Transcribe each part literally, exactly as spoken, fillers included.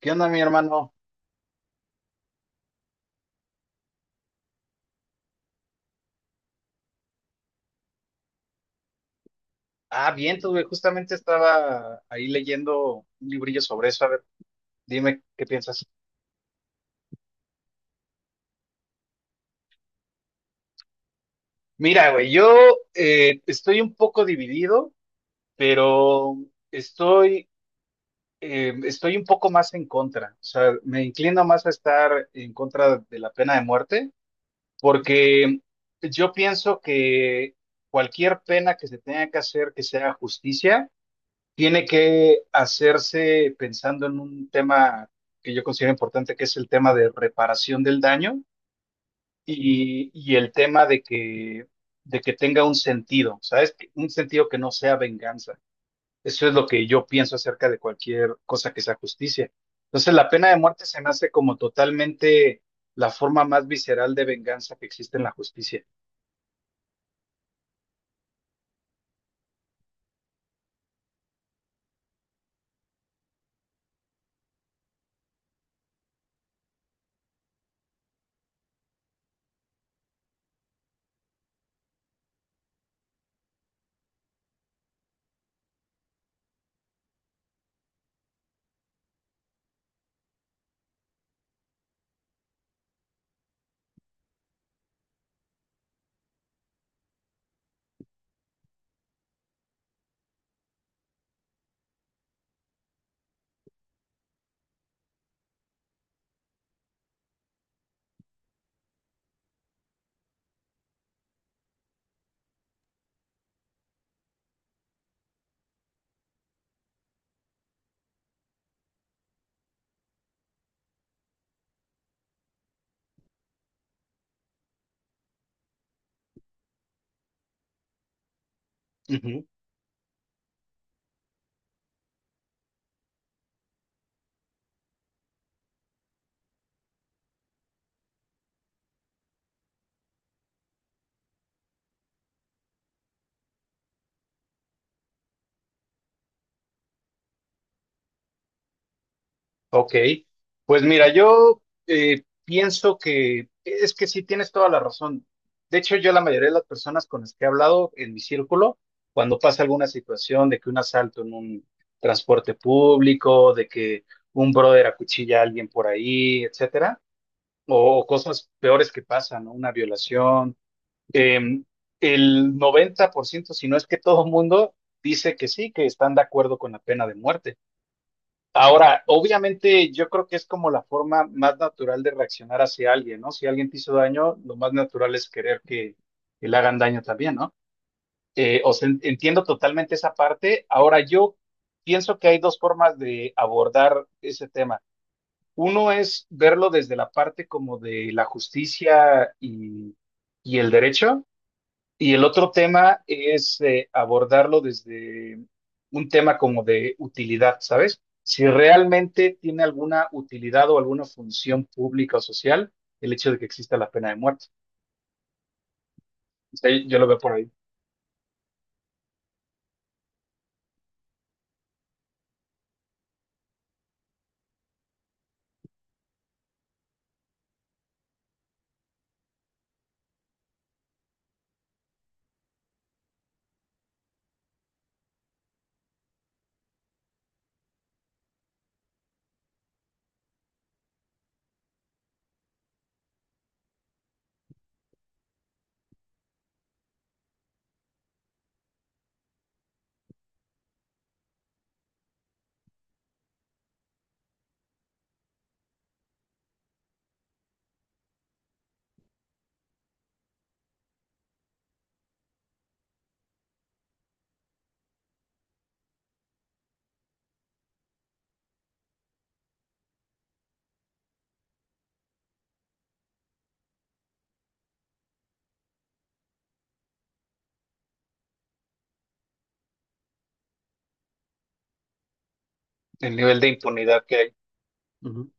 ¿Qué onda, mi hermano? Ah, bien, tú, güey, justamente estaba ahí leyendo un librillo sobre eso. A ver, dime qué piensas. Mira, güey, yo eh, estoy un poco dividido, pero estoy, eh, estoy un poco más en contra. O sea, me inclino más a estar en contra de la pena de muerte, porque yo pienso que cualquier pena que se tenga que hacer que sea justicia tiene que hacerse pensando en un tema que yo considero importante, que es el tema de reparación del daño y, y el tema de que, de que tenga un sentido, ¿sabes? Que- Un sentido que no sea venganza. Eso es lo que yo pienso acerca de cualquier cosa que sea justicia. Entonces, la pena de muerte se me hace como totalmente la forma más visceral de venganza que existe en la justicia. Ujú. Ok, pues mira, yo eh, pienso que es que sí tienes toda la razón. De hecho, yo la mayoría de las personas con las que he hablado en mi círculo, cuando pasa alguna situación de que un asalto en un transporte público, de que un brother acuchilla a alguien por ahí, etcétera, o, o cosas peores que pasan, ¿no? Una violación, em, el noventa por ciento, si no es que todo el mundo dice que sí, que están de acuerdo con la pena de muerte. Ahora, obviamente yo creo que es como la forma más natural de reaccionar hacia alguien, ¿no? Si alguien te hizo daño, lo más natural es querer que, que le hagan daño también, ¿no? Eh, o sea, en- entiendo totalmente esa parte. Ahora, yo pienso que hay dos formas de abordar ese tema. Uno es verlo desde la parte como de la justicia y, y el derecho, y el otro tema es eh, abordarlo desde un tema como de utilidad, ¿sabes? Si realmente tiene alguna utilidad o alguna función pública o social el hecho de que exista la pena de muerte. O sea, yo lo veo por ahí, el nivel de impunidad que hay. Ujú.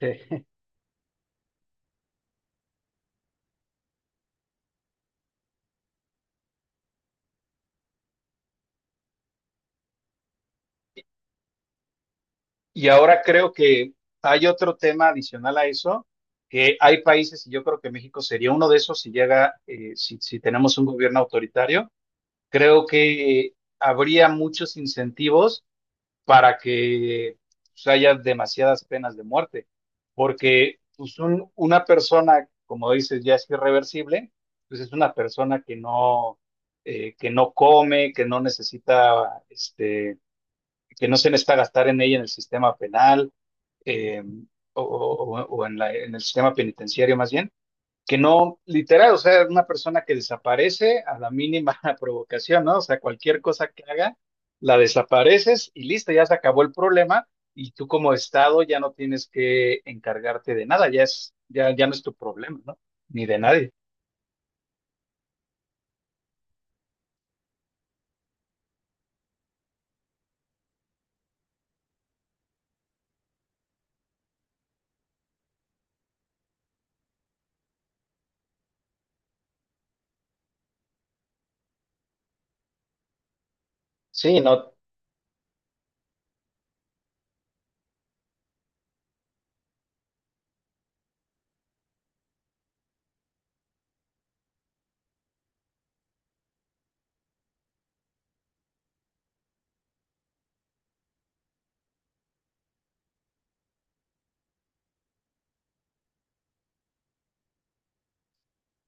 Sí. Y ahora creo que hay otro tema adicional a eso, que hay países, y yo creo que México sería uno de esos si llega, eh, si, si tenemos un gobierno autoritario, creo que habría muchos incentivos para que pues, haya demasiadas penas de muerte, porque pues, un- una persona, como dices, ya es irreversible, pues es una persona que no, eh, que no come, que no necesita, este, que no se necesita gastar en ella en el sistema penal eh, o, o- o en la- en el sistema penitenciario más bien que no, literal, o sea, una persona que desaparece a la mínima provocación, ¿no? O sea, cualquier cosa que haga, la desapareces y listo, ya se acabó el problema y tú como Estado ya no tienes que encargarte de nada, ya es, ya, ya no es tu problema, ¿no? Ni de nadie. Sí, no.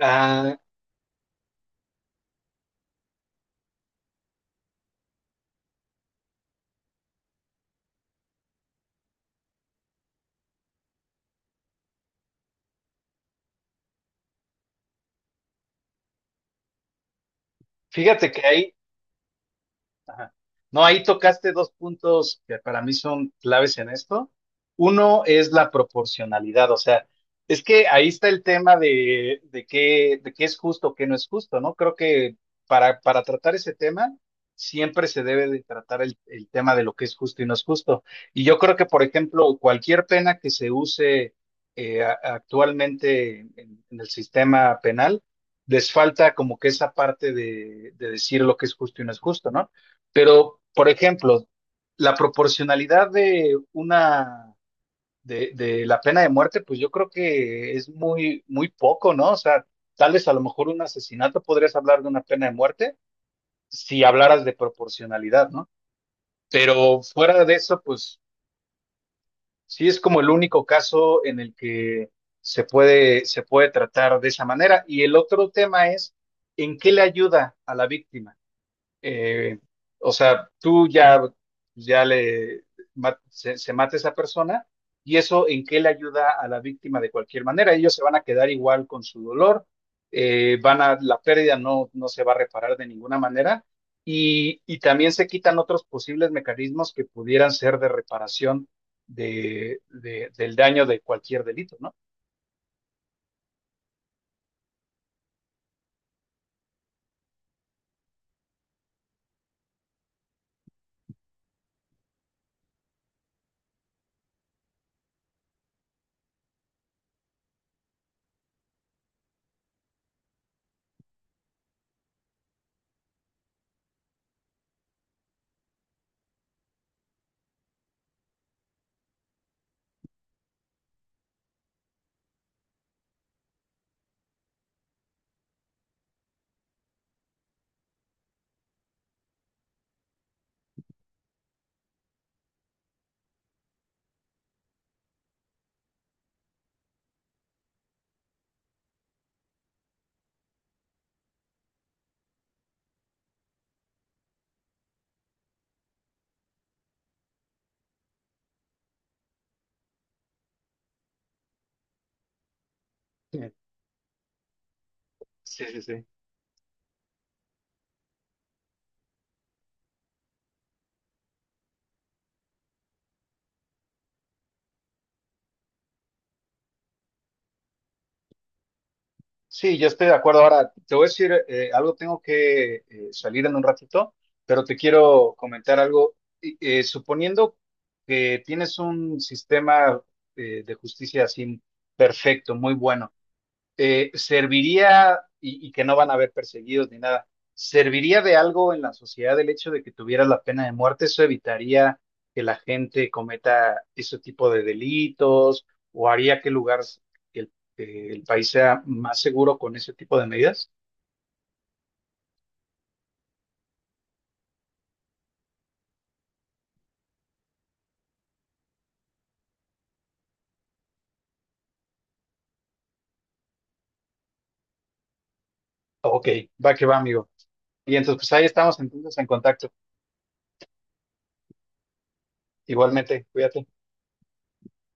ah, fíjate que hay, Ajá. No, ahí tocaste dos puntos que para mí son claves en esto. Uno es la proporcionalidad, o sea, es que ahí está el tema de, de qué, de qué es justo, qué no es justo, ¿no? Creo que para, para tratar ese tema siempre se debe de tratar el, el tema de lo que es justo y no es justo. Y yo creo que, por ejemplo, cualquier pena que se use eh, a- actualmente en, en el sistema penal, les falta como que esa parte de, de decir lo que es justo y no es justo, ¿no? Pero, por ejemplo, la proporcionalidad de una de, de la pena de muerte, pues yo creo que es muy, muy poco, ¿no? O sea, tal vez a lo mejor un asesinato podrías hablar de una pena de muerte si hablaras de proporcionalidad, ¿no? Pero fuera de eso, pues sí es como el único caso en el que se puede, se puede tratar de esa manera. Y el otro tema es, ¿en qué le ayuda a la víctima? eh, o sea, tú ya, ya le ma- se, se mata esa persona y eso en qué le ayuda a la víctima de cualquier manera. Ellos se van a quedar igual con su dolor, eh, van a, la pérdida no, no se va a reparar de ninguna manera y, y también se quitan otros posibles mecanismos que pudieran ser de reparación de, de- del daño de cualquier delito, ¿no? Sí, sí, sí, sí. Sí, yo estoy de acuerdo. Ahora, te voy a decir eh, algo, tengo que eh, salir en un ratito, pero te quiero comentar algo. Y, eh, suponiendo que tienes un sistema eh, de justicia así perfecto, muy bueno eh, serviría, y, y que no van a haber perseguidos ni nada, ¿serviría de algo en la sociedad el hecho de que tuviera la pena de muerte? ¿Eso evitaría que la gente cometa ese tipo de delitos o haría que el lugar, que el, que el país sea más seguro con ese tipo de medidas? Ok, va que va, amigo. Y entonces, pues ahí estamos entonces en contacto. Igualmente, cuídate.